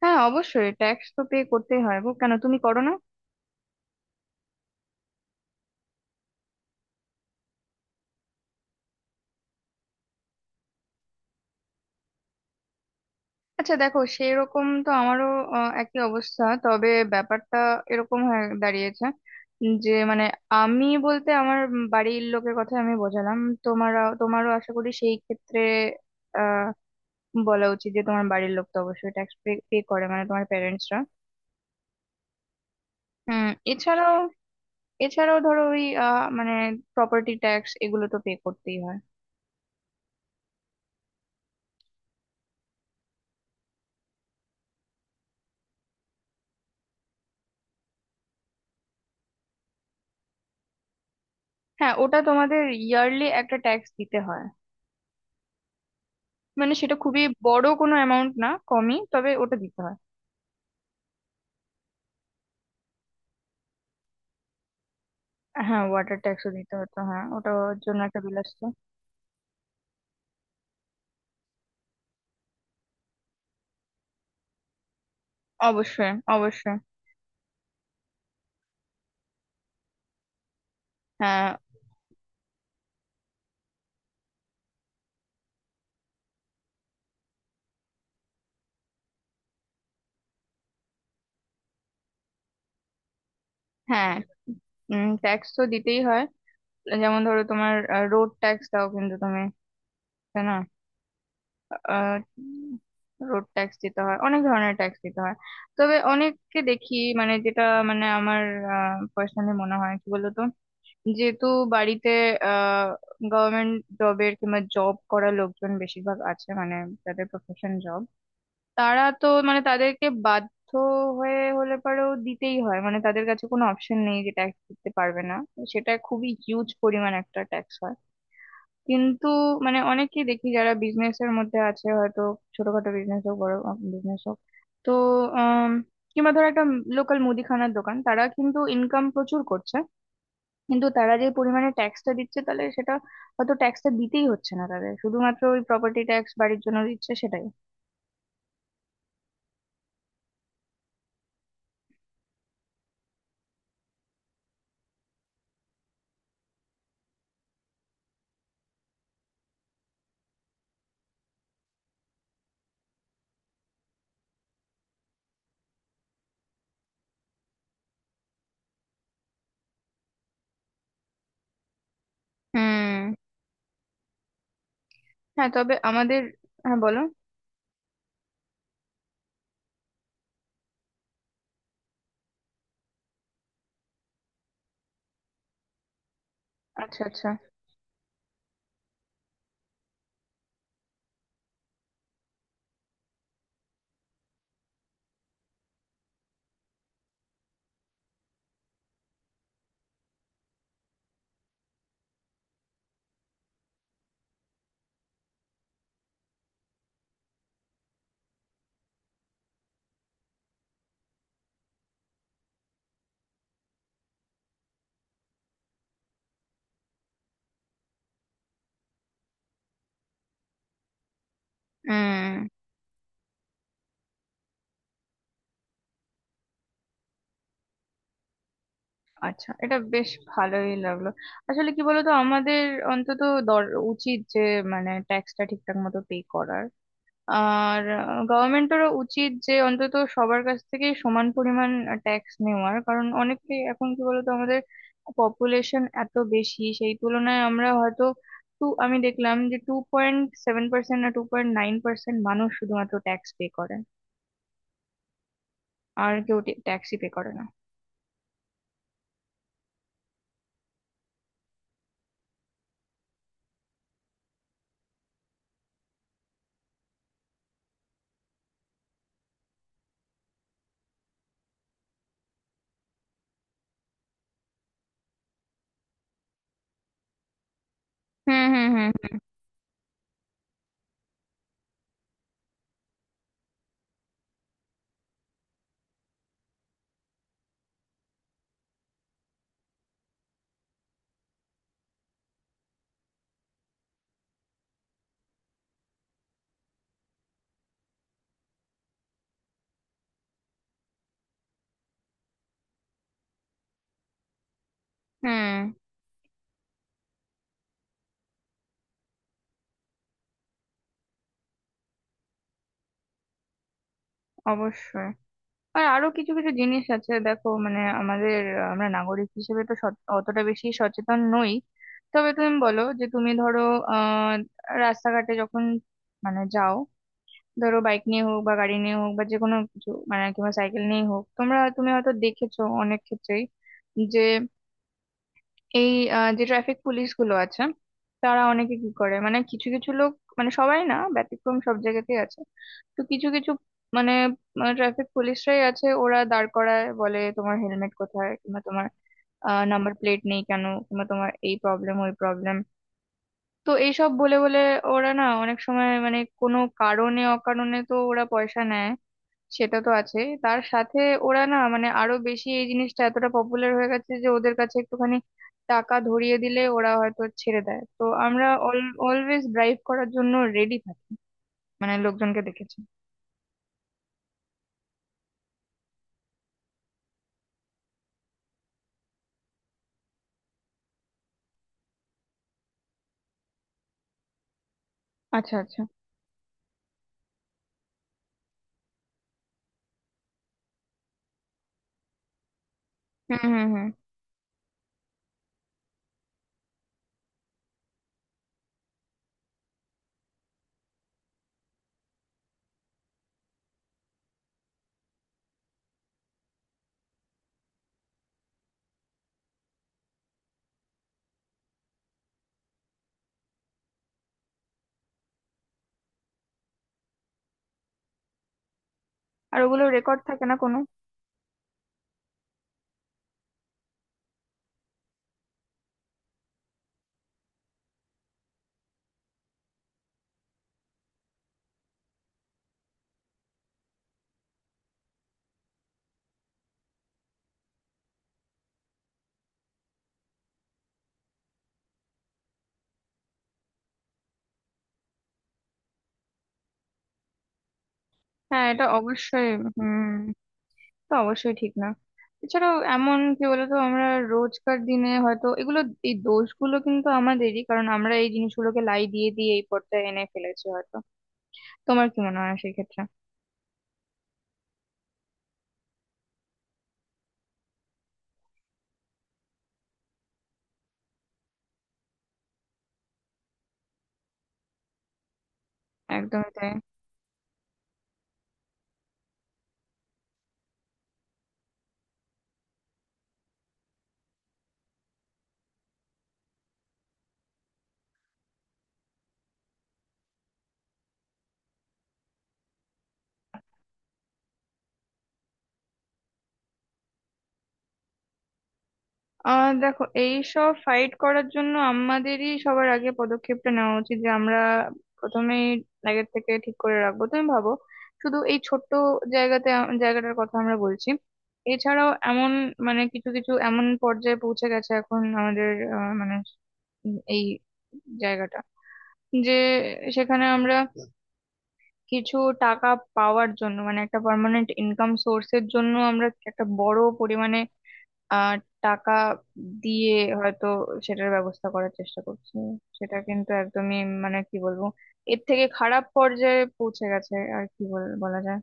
হ্যাঁ, অবশ্যই ট্যাক্স তো পে করতেই হয় গো। কেন, তুমি করো না? আচ্ছা দেখো, সেরকম তো আমারও একই অবস্থা। তবে ব্যাপারটা এরকম হয়ে দাঁড়িয়েছে যে মানে আমি বলতে আমার বাড়ির লোকের কথা আমি বোঝালাম। তোমার তোমারও আশা করি সেই ক্ষেত্রে আহ বলা উচিত যে তোমার বাড়ির লোক তো অবশ্যই ট্যাক্স পে পে করে, মানে তোমার প্যারেন্টসরা। হুম। এছাড়াও এছাড়াও ধরো ওই মানে প্রপার্টি ট্যাক্স এগুলো তো পে করতেই হয়। হ্যাঁ, ওটা তোমাদের ইয়ারলি একটা ট্যাক্স দিতে হয়। মানে সেটা খুবই বড় কোনো অ্যামাউন্ট না, কমই, তবে ওটা দিতে হয়। হ্যাঁ, ওয়াটার ট্যাক্সও দিতে হতো। হ্যাঁ, ওটার জন্য একটা বিল আসতো। অবশ্যই অবশ্যই। হ্যাঁ। হ্যাঁ। ট্যাক্স তো দিতেই হয়। যেমন ধরো তোমার রোড ট্যাক্স দাও, কিন্তু তুমি, তাই না? রোড ট্যাক্স দিতে হয়, অনেক ধরনের ট্যাক্স দিতে হয়। তবে অনেককে দেখি, মানে যেটা, মানে আমার পার্সোনালি মনে হয় কি বলতো, যেহেতু বাড়িতে আহ গভর্নমেন্ট জবের কিংবা জব করা লোকজন বেশিরভাগ আছে, মানে যাদের প্রফেশন জব, তারা তো মানে তাদেরকে বাধ্য হয়ে হলে পরেও দিতেই হয়। মানে তাদের কাছে কোনো অপশন নেই যে ট্যাক্স দিতে পারবে না। সেটা খুবই হিউজ পরিমাণ একটা ট্যাক্স হয়। কিন্তু মানে অনেকেই দেখি যারা বিজনেস এর মধ্যে আছে, হয়তো ছোটখাটো বিজনেস হোক, বড় বিজনেস হোক, তো আহ কিংবা ধর একটা লোকাল মুদিখানার দোকান, তারা কিন্তু ইনকাম প্রচুর করছে। কিন্তু তারা যে পরিমাণে ট্যাক্সটা দিচ্ছে, তাহলে সেটা হয়তো ট্যাক্সটা দিতেই হচ্ছে না তাদের, শুধুমাত্র ওই প্রপার্টি ট্যাক্স বাড়ির জন্য দিচ্ছে সেটাই। হুম। হ্যাঁ, তবে আমাদের। হ্যাঁ, বলো। আচ্ছা আচ্ছা। হুম। আচ্ছা, এটা বেশ ভালোই লাগলো। আসলে কি বলতো, আমাদের অন্তত দর উচিত যে মানে ট্যাক্সটা ঠিকঠাক মতো পে করার। আর গভর্নমেন্টেরও উচিত যে অন্তত সবার কাছ থেকে সমান পরিমাণ ট্যাক্স নেওয়ার, কারণ অনেকে। এখন কি বলতো, আমাদের পপুলেশন এত বেশি, সেই তুলনায় আমরা হয়তো আমি দেখলাম যে 2.7% না, 2.9% মানুষ শুধুমাত্র ট্যাক্স পে করে। আর কেউ ট্যাক্সই পে করে না। হুম হুম হুম। হুম। অবশ্যই। আর আরো কিছু কিছু জিনিস আছে, দেখো মানে আমাদের আমরা নাগরিক হিসেবে তো অতটা বেশি সচেতন নই। তবে তুমি বলো যে তুমি ধরো আহ রাস্তাঘাটে যখন, মানে যাও ধরো বাইক নিয়ে হোক বা গাড়ি নিয়ে হোক বা যে কোনো কিছু মানে কিংবা সাইকেল নিয়ে হোক, তোমরা, তুমি হয়তো দেখেছো অনেক ক্ষেত্রেই যে এই যে ট্রাফিক পুলিশ গুলো আছে, তারা অনেকে কি করে, মানে কিছু কিছু লোক, মানে সবাই না, ব্যতিক্রম সব জায়গাতেই আছে, তো কিছু কিছু মানে ট্রাফিক পুলিশরাই আছে, ওরা দাঁড় করায় বলে তোমার হেলমেট কোথায়, কিংবা তোমার নাম্বার প্লেট নেই কেন, কিংবা তোমার এই প্রবলেম ওই প্রবলেম। তো এইসব বলে বলে ওরা না অনেক সময় মানে কোনো কারণে অকারণে তো ওরা পয়সা নেয়। সেটা তো আছে, তার সাথে ওরা না মানে আরো বেশি এই জিনিসটা এতটা পপুলার হয়ে গেছে যে ওদের কাছে একটুখানি টাকা ধরিয়ে দিলে ওরা হয়তো ছেড়ে দেয়। তো আমরা অলওয়েজ ড্রাইভ করার জন্য রেডি থাকি, মানে লোকজনকে দেখেছি। আচ্ছা আচ্ছা। হুম হুম হুম। আর ওগুলো রেকর্ড থাকে না কোনো? হ্যাঁ, এটা অবশ্যই। হুম, তো অবশ্যই ঠিক না। এছাড়াও এমন কি বলতো, আমরা রোজকার দিনে হয়তো এগুলো, এই দোষগুলো কিন্তু আমাদেরই, কারণ আমরা এই জিনিসগুলোকে লাই দিয়ে দিয়ে এই পর্যায়ে এনে ফেলেছি হয়তো। তোমার কি মনে হয় সেক্ষেত্রে? একদমই তাই। দেখো, এই সব ফাইট করার জন্য আমাদেরই সবার আগে পদক্ষেপটা নেওয়া উচিত যে আমরা প্রথমেই আগের থেকে ঠিক করে রাখবো। তুমি ভাবো, শুধু এই ছোট্ট জায়গাতে জায়গাটার কথা আমরা বলছি। এছাড়াও এমন, মানে কিছু কিছু এমন পর্যায়ে পৌঁছে গেছে এখন আমাদের মানে এই জায়গাটা যে সেখানে আমরা কিছু টাকা পাওয়ার জন্য, মানে একটা পার্মানেন্ট ইনকাম সোর্সের জন্য আমরা একটা বড় পরিমাণে আহ টাকা দিয়ে হয়তো সেটার ব্যবস্থা করার চেষ্টা করছি। সেটা কিন্তু একদমই, মানে কি বলবো, এর থেকে খারাপ পর্যায়ে পৌঁছে গেছে আর কি বলা যায়।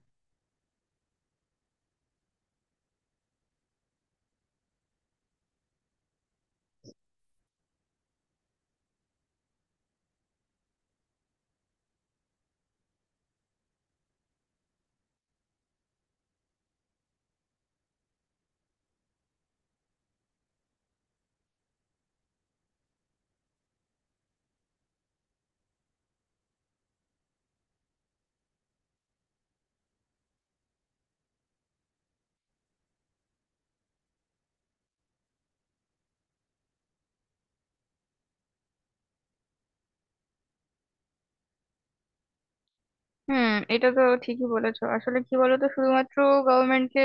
হুম। এটা তো ঠিকই বলেছো। আসলে কি বলতো, শুধুমাত্র গভর্নমেন্টকে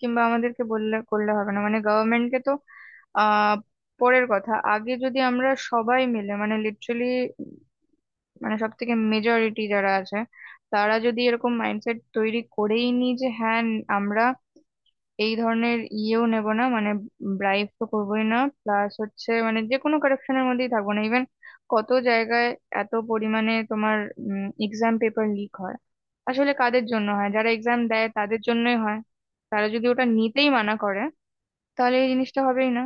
কিংবা আমাদেরকে বললে করলে হবে না। মানে গভর্নমেন্টকে তো আহ পরের কথা, আগে যদি আমরা সবাই মিলে মানে লিটারালি মানে সব থেকে মেজরিটি যারা আছে, তারা যদি এরকম মাইন্ডসেট তৈরি করেই নি যে হ্যাঁ আমরা এই ধরনের ইয়েও নেব না, মানে ব্রাইব তো করবোই না। প্লাস হচ্ছে মানে যে কোনো কারাপশনের মধ্যেই থাকবো না। ইভেন কত জায়গায় এত পরিমাণে তোমার এক্সাম পেপার লিক হয়, আসলে কাদের জন্য হয়? যারা এক্সাম দেয়, তাদের জন্যই হয়। তারা যদি ওটা নিতেই মানা করে, তাহলে এই জিনিসটা হবেই না।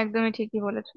একদমই ঠিকই বলেছো।